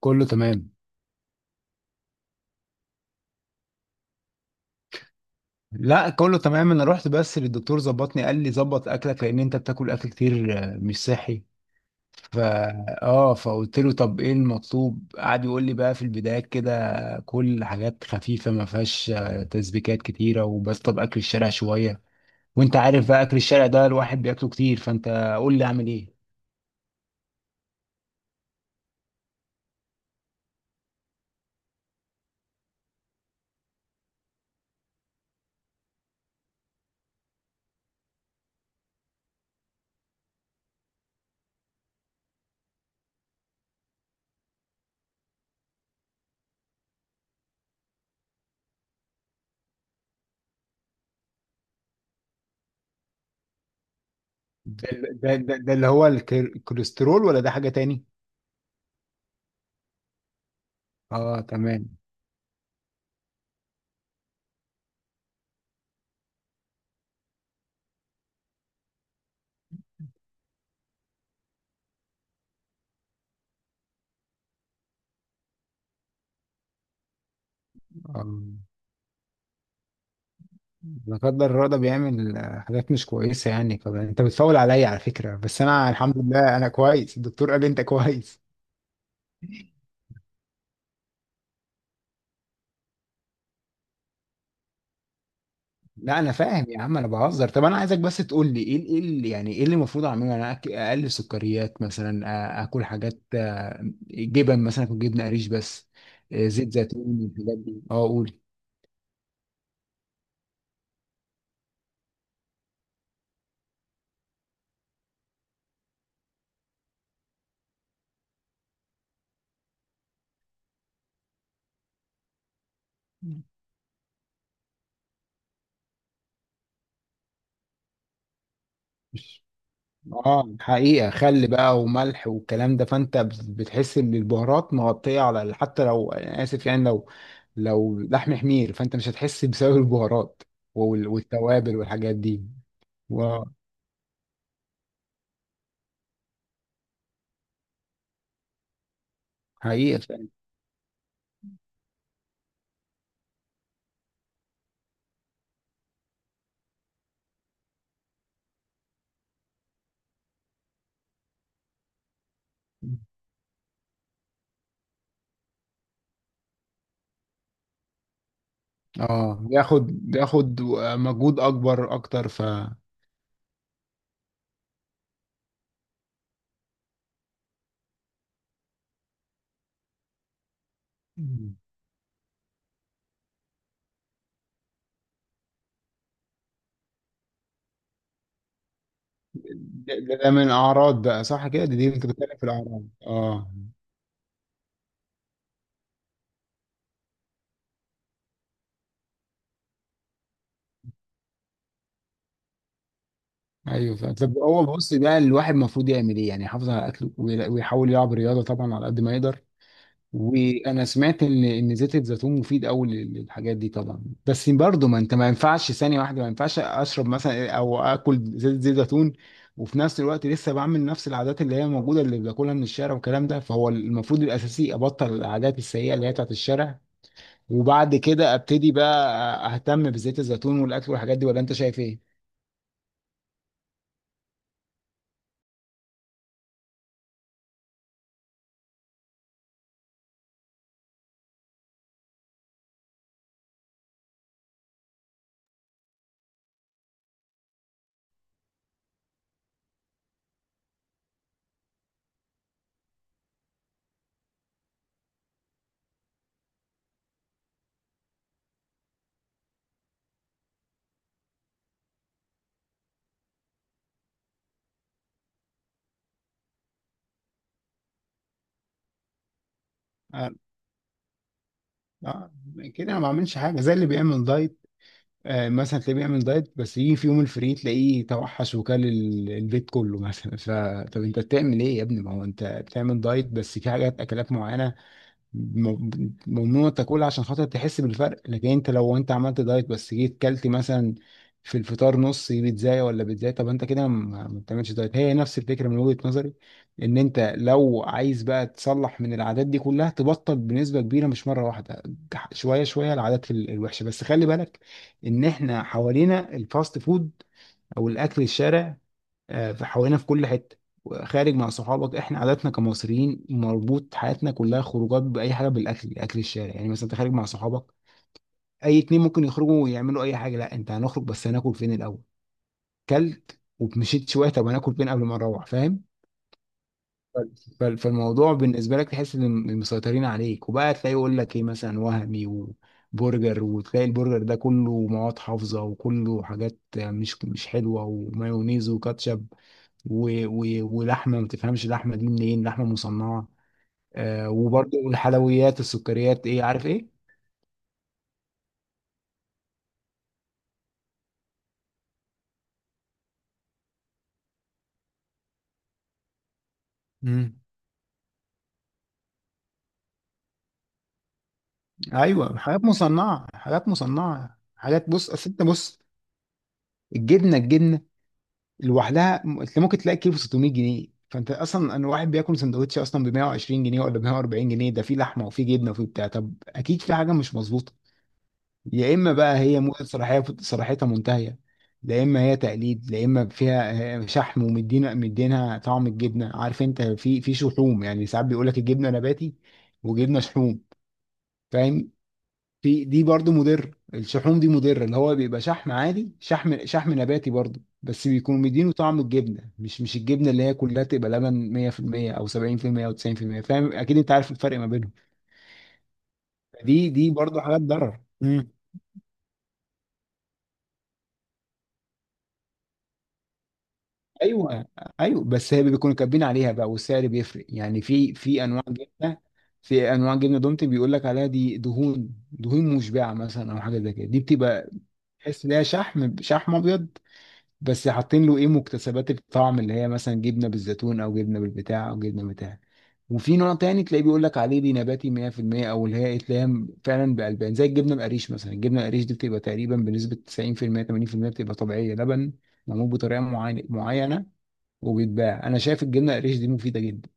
كله تمام. لا, كله تمام. انا رحت بس للدكتور، ظبطني، قال لي ظبط اكلك لان انت بتاكل اكل كتير مش صحي. فا اه فقلت له طب ايه المطلوب؟ قعد يقول لي بقى في البداية كده كل حاجات خفيفة ما فيهاش تسبيكات كتيرة، وبس طب اكل الشارع شوية. وانت عارف بقى اكل الشارع ده الواحد بياكله كتير، فانت قول لي اعمل ايه؟ ده ده اللي هو الكوليسترول، ولا ده حاجة تاني؟ اه تمام. اه، لا قدر الله، ده بيعمل حاجات مش كويسة يعني، فأنت بتفاول عليا على فكرة، بس أنا الحمد لله أنا كويس، الدكتور قال لي أنت كويس. لا أنا فاهم يا عم، أنا بهزر. طب أنا عايزك بس تقول لي إيه إيه اللي، يعني إيه اللي المفروض أعمله؟ أنا أقلل سكريات مثلا، آكل حاجات جبن مثلا، أكل جبنة قريش بس، زيت زيتون، الحاجات دي؟ أه قول. اه حقيقة، خل بقى وملح والكلام ده، فانت بتحس ان البهارات مغطية على حتى لو انا اسف يعني، لو لو لحم حمير فانت مش هتحس بسبب البهارات والتوابل والحاجات دي. و- حقيقة فعلا. اه، بياخد مجهود اكبر اكتر ف ده من اعراض بقى صح كده، دي انت بتتكلم في الاعراض، اه؟ ايوه فعلا. طب هو بص بقى، الواحد المفروض يعمل ايه يعني؟ يحافظ على اكله، ويحاول يلعب رياضه طبعا على قد ما يقدر. وانا سمعت ان زيت الزيتون مفيد قوي للحاجات دي طبعا، بس برضه ما انت ما ينفعش ثانيه واحده، ما ينفعش اشرب مثلا او اكل زيت زيتون، وفي نفس الوقت لسه بعمل نفس العادات اللي هي موجوده اللي باكلها من الشارع والكلام ده، فهو المفروض الاساسي ابطل العادات السيئه اللي هي بتاعت الشارع، وبعد كده ابتدي بقى اهتم بزيت الزيتون والاكل والحاجات دي، ولا انت شايف ايه؟ آه، آه، كده انا ما بعملش حاجه زي اللي بيعمل دايت. مثلا تلاقيه بيعمل دايت، بس يجي في يوم الفري تلاقيه توحش وكل البيت كله مثلا فطب انت بتعمل ايه يا ابني؟ ما هو انت بتعمل دايت بس في حاجات اكلات معينه ممنوع تاكلها عشان خاطر تحس بالفرق، لكن انت لو انت عملت دايت بس جيت كلت مثلا في الفطار نص بيتزاية ولا بيتزاية، طب انت كده ما بتعملش دايت. هي نفس الفكرة من وجهة نظري، ان انت لو عايز بقى تصلح من العادات دي كلها، تبطل بنسبة كبيرة مش مرة واحدة، شوية شوية العادات الوحشة. بس خلي بالك ان احنا حوالينا الفاست فود او الاكل الشارع في حوالينا في كل حته. خارج مع صحابك، احنا عاداتنا كمصريين مربوط حياتنا كلها خروجات باي حاجه بالاكل، اكل الشارع. يعني مثلا انت خارج مع صحابك، اي اتنين ممكن يخرجوا ويعملوا اي حاجه، لا انت هنخرج بس هناكل فين الاول؟ كلت ومشيت شويه، طب هناكل فين قبل ما نروح؟ فاهم؟ فالموضوع بالنسبه لك، تحس ان مسيطرين عليك، وبقى تلاقي يقول لك ايه مثلا، وهمي وبرجر، وتلاقي البرجر ده كله مواد حافظه، وكله حاجات مش حلوه، ومايونيز وكاتشب ولحمه ما تفهمش اللحمه دي منين، لحمه مصنعه، آه، وبرضه الحلويات، السكريات، ايه عارف ايه. امم ايوه، حاجات مصنعه، حاجات مصنعه، حاجات. بص، اصل انت بص الجبنه، الجبنه لوحدها انت ممكن تلاقي كيلو 600 جنيه. فانت اصلا، انا واحد بياكل سندوتش اصلا ب 120 جنيه ولا ب 140 جنيه، ده فيه لحمه وفيه جبنه وفيه بتاع، طب اكيد في حاجه مش مظبوطه. يا اما بقى هي موجة صلاحيه صلاحيتها منتهيه، لا اما هي تقليد، لا اما فيها شحم، ومدينا مدينها طعم الجبنه. عارف انت، في شحوم يعني، ساعات بيقول لك الجبنه نباتي وجبنه شحوم. فاهم. في دي برضو مضر، الشحوم دي مضره، اللي هو بيبقى شحم عادي، شحم نباتي برضو، بس بيكون مدينه طعم الجبنه، مش الجبنه اللي هي كلها تبقى لبن 100% او 70% او 90%. فاهم، اكيد انت عارف الفرق ما بينهم. دي دي برضو حاجات ضرر. مم. ايوه، ايوه، بس هي بيكونوا كاتبين عليها بقى والسعر بيفرق يعني، في انواع جبنه، في انواع جبنه دومتي بيقول لك عليها دي دهون، دهون مشبعه مثلا، او حاجه زي كده دي بتبقى تحس ان هي شحم، شحم ابيض، بس حاطين له ايه، مكتسبات الطعم اللي هي مثلا جبنه بالزيتون او جبنه بالبتاع او جبنه بتاع. وفي نوع تاني تلاقيه بيقول لك عليه دي نباتي 100%، او اللي هي إيه، تلاقيها فعلا بالبان زي الجبنه القريش مثلا، الجبنه القريش دي بتبقى تقريبا بنسبه 90% 80%، بتبقى طبيعيه لبن، معمول بطريقه معينه معينه. وبيتباع. انا شايف الجبنه القريش دي مفيده جدا.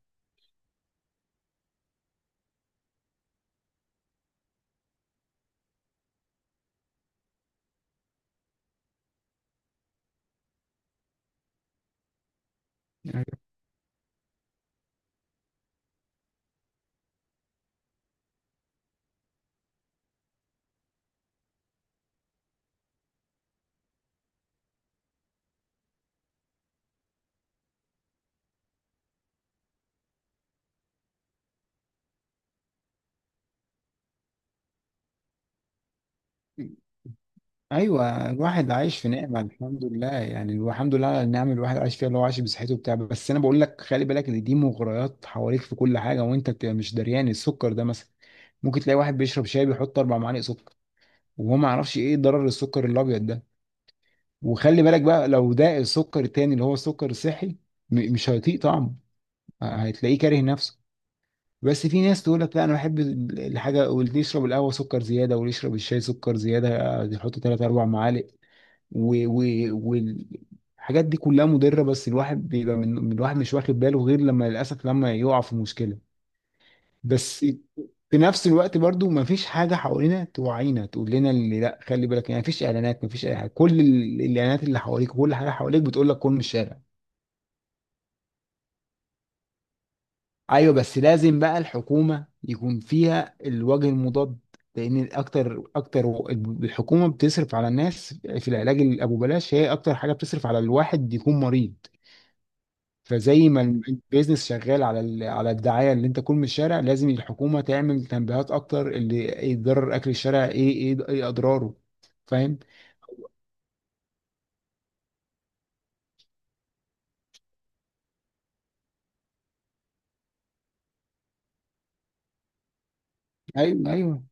ايوه الواحد عايش في نعمه الحمد لله، يعني الحمد لله على النعم اللي الواحد عايش فيها، اللي هو عايش بصحته وبتاع، بس انا بقول لك خلي بالك ان دي مغريات حواليك في كل حاجه، وانت بتبقى مش دريان. السكر ده مثلا، ممكن تلاقي واحد بيشرب شاي بيحط اربع معالق سكر، وهو ما يعرفش ايه ضرر السكر الابيض ده. وخلي بالك بقى، لو ده السكر التاني اللي هو سكر صحي، مش هيطيق طعمه، هتلاقيه كاره نفسه. بس في ناس تقول لك لا انا بحب الحاجه، واللي يشرب القهوه سكر زياده، واللي يشرب الشاي سكر زياده، يحط ثلاث اربع معالق، والحاجات دي كلها مضره، بس الواحد بيبقى الواحد مش واخد باله، غير لما للاسف، لما يقع في مشكله. بس في نفس الوقت برضو ما فيش حاجه حوالينا توعينا تقول لنا اللي لا خلي بالك يعني، ما فيش اعلانات، ما فيش اي حاجه، كل الاعلانات اللي حواليك، كل حاجه حواليك بتقول لك كل من الشارع. ايوه بس لازم بقى الحكومه يكون فيها الوجه المضاد، لان اكتر اكتر الحكومه بتصرف على الناس في العلاج اللي ابو بلاش، هي اكتر حاجه بتصرف على الواحد يكون مريض. فزي ما البيزنس شغال على على الدعايه اللي انت تكون من الشارع، لازم الحكومه تعمل تنبيهات اكتر، اللي يضرر اكل الشارع ايه، ايه ايه اضراره. فاهم؟ ايوه ايوه.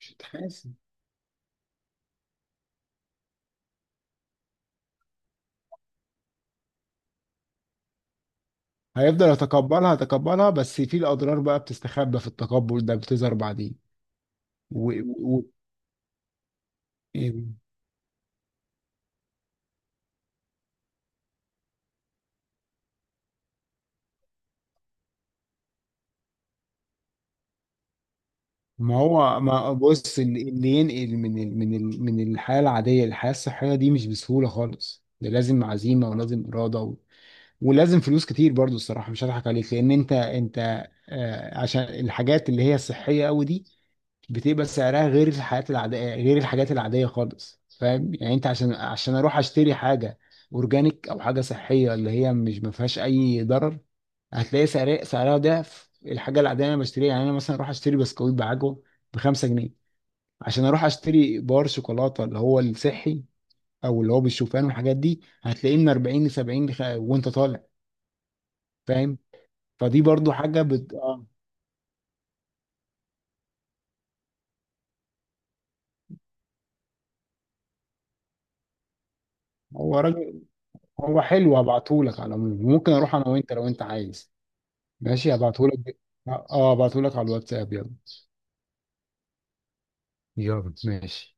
مش هتحاسب، هيفضل يتقبلها يتقبلها، بس في الاضرار بقى بتستخبى في التقبل ده، بتظهر بعدين. ما هو، ما بص، اللي ينقل من الحياة العادية للحياة الصحية دي مش بسهولة خالص، ده لازم عزيمة ولازم إرادة ولازم فلوس كتير برضو الصراحة، مش هضحك عليك، لأن أنت آه عشان الحاجات اللي هي الصحية أوي دي بتبقى سعرها غير الحاجات العادية، غير الحاجات العادية خالص. فاهم يعني، أنت عشان أروح أشتري حاجة أورجانيك أو حاجة صحية اللي هي مش ما فيهاش أي ضرر، هتلاقي سعرها ضعف الحاجه العاديه اللي انا بشتريها. يعني انا مثلا اروح اشتري بسكويت بعجوه ب 5 جنيه، عشان اروح اشتري بار شوكولاته اللي هو الصحي او اللي هو بالشوفان والحاجات دي، هتلاقيه من 40 ل 70 وانت طالع. فاهم؟ فدي برضو حاجه بت... آه. هو راجل، هو حلو، هبعتهولك. على العموم ممكن اروح انا وانت لو انت عايز. ماشي هبعتهولك هبعتهولك على الواتساب. يلا، يلا ماشي.